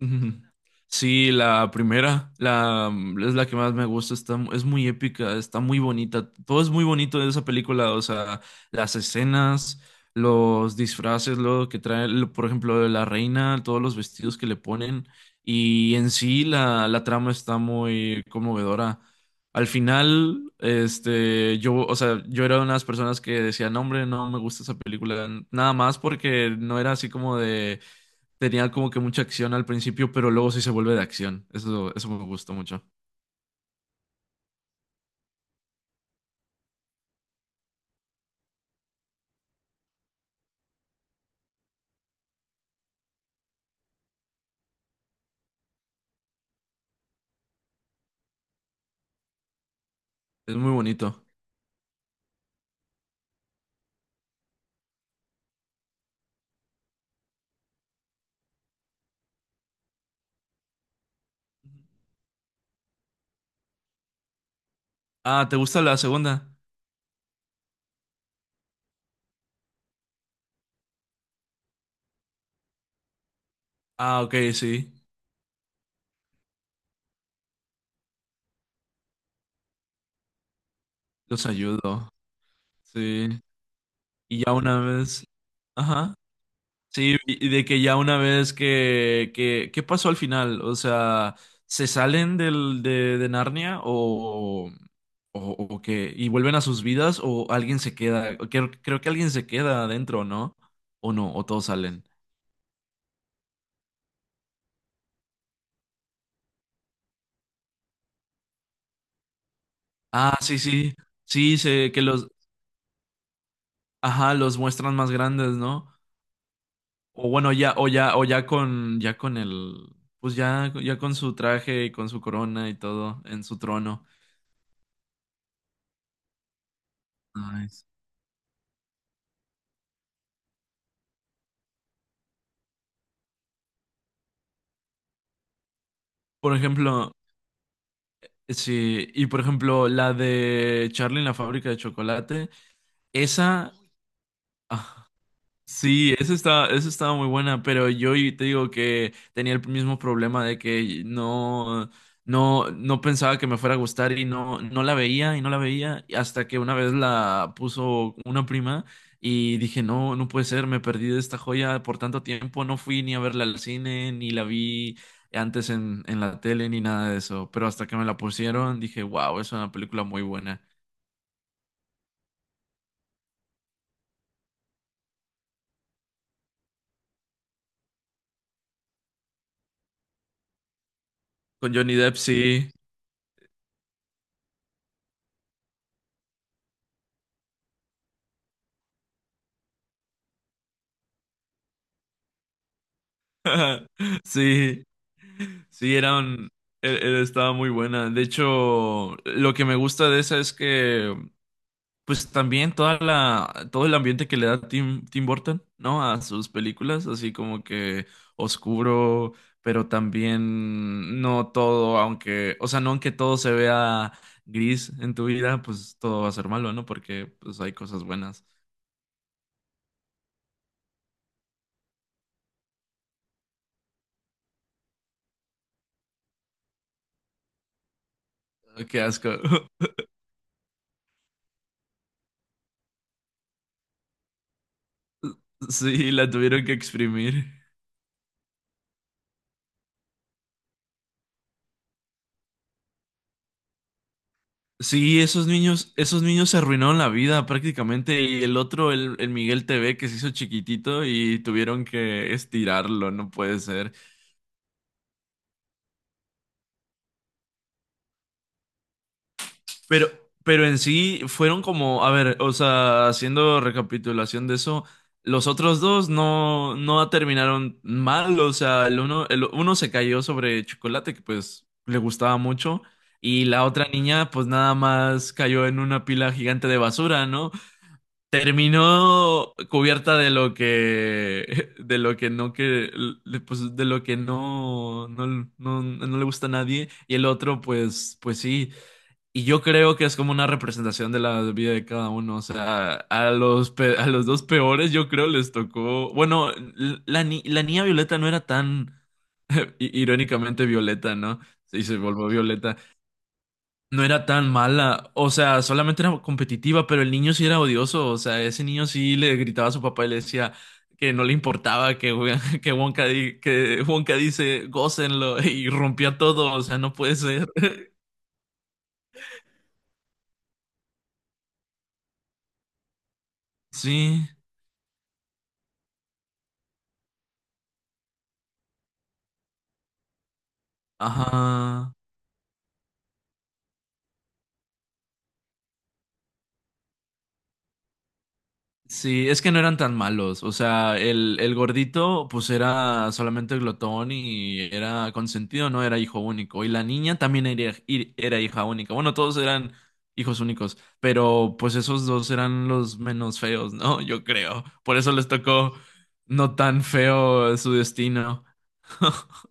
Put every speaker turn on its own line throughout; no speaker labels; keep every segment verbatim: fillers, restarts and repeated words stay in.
Ujú. Sí, la primera, la mm, es la que más me gusta, está, es muy épica, está muy bonita, todo es muy bonito de esa película, o sea, las escenas, los disfraces, lo que trae, lo- por ejemplo, de la reina, todos los vestidos que le ponen, y en sí la, la trama está muy conmovedora. Al final, este, yo, o sea, yo era una de las personas que decía, no, hombre, no me gusta esa película, nada más porque no era así como de tenía como que mucha acción al principio, pero luego sí se vuelve de acción. Eso, eso me gustó mucho. Es muy bonito. Ah, ¿te gusta la segunda? Ah, ok, sí. Los ayudo. Sí. Y ya una vez. Ajá. Sí, y y de que ya una vez que, que, ¿qué pasó al final? O sea, ¿se salen del, de, de Narnia o, o, o qué? ¿Y vuelven a sus vidas o alguien se queda? Creo, creo que alguien se queda adentro, ¿no? O no, o todos salen. Ah, sí, sí. Sí, sé que los, ajá, los muestran más grandes, ¿no? O bueno, ya, o ya, o ya con, ya con el, pues ya, ya con su traje y con su corona y todo en su trono. Nice. Por ejemplo, sí, y por ejemplo, la de Charlie en la fábrica de chocolate, esa, ah, sí, esa estaba, esa estaba muy buena, pero yo y- te digo que tenía el mismo problema de que no, no, no pensaba que me fuera a gustar y no, no la veía y no la veía y hasta que una vez la puso una prima y dije, no, no puede ser, me perdí de esta joya por tanto tiempo, no fui ni a verla al cine, ni la vi antes en, en la tele, ni nada de eso, pero hasta que me la pusieron dije, wow, es una película muy buena. Con Johnny Depp, sí. Sí, sí, era un- e- e- estaba muy buena. De hecho, lo que me gusta de esa es que, pues también toda la, todo el ambiente que le da Tim, Tim Burton, ¿no? A sus películas, así como que oscuro, pero también no todo, aunque, o sea, no aunque todo se vea gris en tu vida, pues todo va a ser malo, ¿no? Porque pues hay cosas buenas. Qué asco. Sí, la tuvieron que exprimir. Sí, esos niños, esos niños se arruinaron la vida prácticamente. Y el otro, el, el Miguel T V que se hizo chiquitito y tuvieron que estirarlo, no puede ser. Pero, pero en sí fueron como, a ver, o sea, haciendo recapitulación de eso, los otros dos no, no terminaron mal. O sea, el uno, el uno se cayó sobre chocolate, que pues le gustaba mucho. Y la otra niña, pues nada más cayó en una pila gigante de basura, ¿no? Terminó cubierta de lo que, de lo que no que, le- pues de lo que no, no, no, no le gusta a nadie y el otro, pues, pues sí. Y yo creo que es como una representación de la vida de cada uno. O sea, a los, pe- a los dos peores, yo creo les tocó. Bueno, la, ni- la niña Violeta no era tan i- irónicamente Violeta, ¿no? Y se volvió Violeta. No era tan mala, o sea, solamente era competitiva, pero el niño sí era odioso, o sea, ese niño sí le gritaba a su papá y le decía que no le importaba que, Won- que Wonka, di- que Wonka dice, gócenlo, y rompía todo, o sea, no puede ser. Sí, ajá. Sí, es que no eran tan malos. O sea, el, el gordito, pues era solamente glotón y era consentido, no era hijo único. Y la niña también era, ir- era hija única. Bueno, todos eran hijos únicos, pero pues esos dos eran los menos feos, ¿no? Yo creo. Por eso les tocó no tan feo su destino.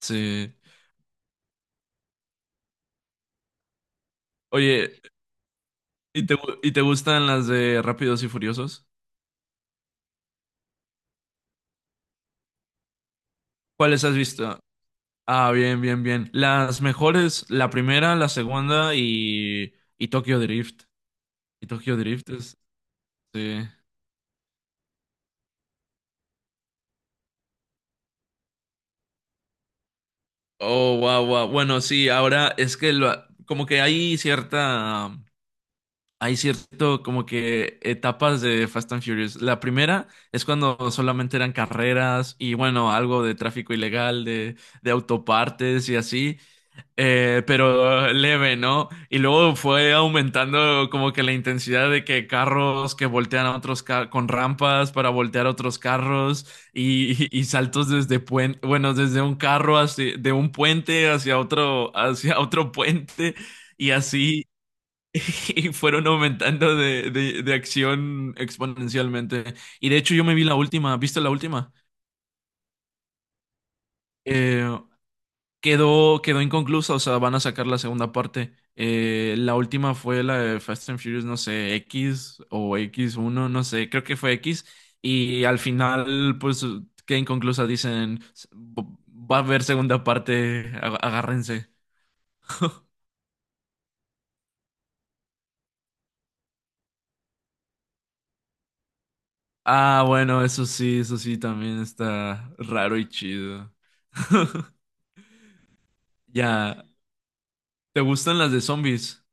Sí. Oye, ¿y te, gu- y te gustan las de Rápidos y Furiosos? ¿Cuáles has visto? Ah, bien, bien, bien. Las mejores, la primera, la segunda y, y Tokyo Drift. Y Tokyo Drift es, sí. Oh, wow, wow. Bueno, sí, ahora es que lo- como que hay cierta, hay cierto como que etapas de Fast and Furious. La primera es cuando solamente eran carreras y bueno, algo de tráfico ilegal, de, de autopartes y así. Eh, pero leve, ¿no? Y luego fue aumentando como que la intensidad de que carros que voltean a otros carros con rampas para voltear a otros carros y, y- y saltos desde puen- bueno, desde un carro hacia, de un puente hacia otro, hacia otro puente y así y fueron aumentando de, de, de acción exponencialmente. Y de hecho yo me vi la última, ¿viste la última? Eh, quedó, quedó inconclusa, o sea, van a sacar la segunda parte. Eh, la última fue la de Fast and Furious, no sé, X o x uno no sé, creo que fue X. Y al final, pues, queda inconclusa, dicen, va a haber segunda parte, ag- agárrense. Ah, bueno, eso sí, eso sí, también está raro y chido. Ya, ¿te gustan las de zombies?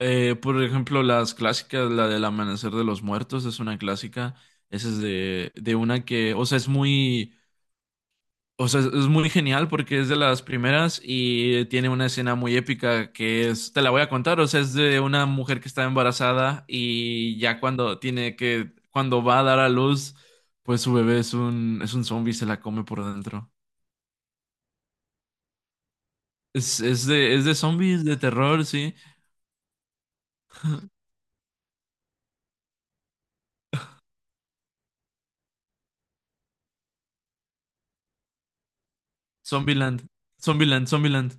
Eh, por ejemplo, las clásicas, la del Amanecer de los Muertos es una clásica. Esa es de, de una que, o sea, es muy, o sea, es es muy genial porque es de las primeras y tiene una escena muy épica que es, te la voy a contar, o sea, es de una mujer que está embarazada y ya cuando tiene que, cuando va a dar a luz, pues su bebé es un, es un zombie, y se la come por dentro. Es, es de, es de zombies, de terror, sí. Zombieland, Zombieland, Zombieland.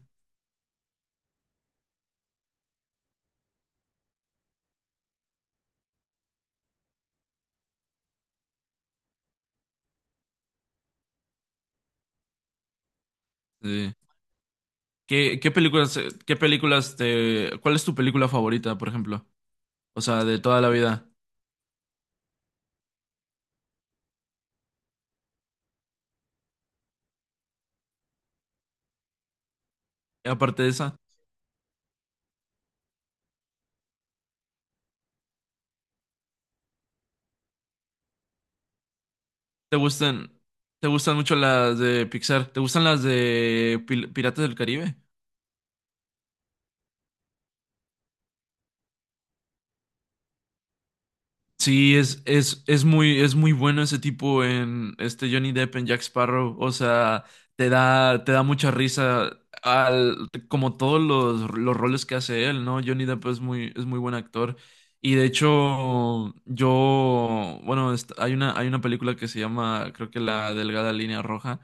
Sí. ¿Qué, qué películas, qué películas te, cuál es tu película favorita, por ejemplo? O sea, de toda la vida. Y aparte de esa, ¿te gustan, te gustan mucho las de Pixar? ¿Te gustan las de Pil- Piratas del Caribe? Sí, es, es, es muy, es muy bueno ese tipo en este Johnny Depp en Jack Sparrow. O sea, te da, te da mucha risa al, como todos los, los roles que hace él, ¿no? Johnny Depp es muy, es muy buen actor. Y de hecho, yo, bueno, est- hay una, hay una película que se llama, creo que La Delgada Línea Roja,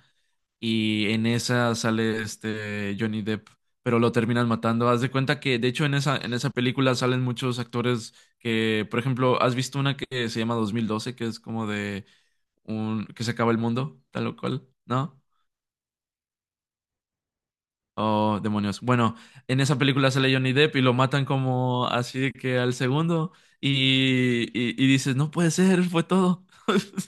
y en esa sale este Johnny Depp, pero lo terminan matando. Haz de cuenta que, de hecho, en esa, en esa película salen muchos actores que, por ejemplo, ¿has visto una que se llama dos mil doce que es como de un que se acaba el mundo, tal o cual? ¿No? Oh, demonios. Bueno, en esa película sale Johnny Depp y lo matan como así de que al segundo y, y, y dices, no puede ser, fue todo.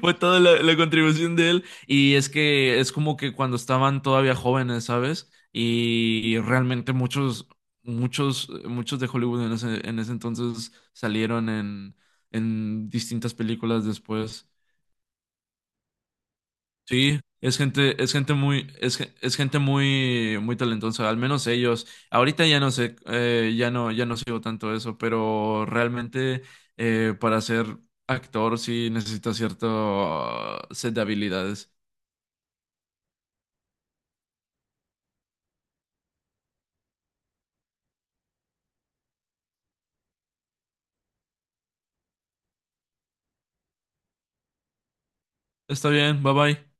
Fue toda la, la contribución de él. Y es que es como que cuando estaban todavía jóvenes, ¿sabes? Y realmente muchos, muchos, muchos de Hollywood en ese, en ese entonces salieron en, en distintas películas después. Sí, es gente, es gente muy, es, ge- es gente muy, muy talentosa, al menos ellos. Ahorita ya no sé, eh, ya no, ya no sigo tanto eso, pero realmente eh, para ser actor sí necesita cierto set de habilidades. Está bien, bye bye.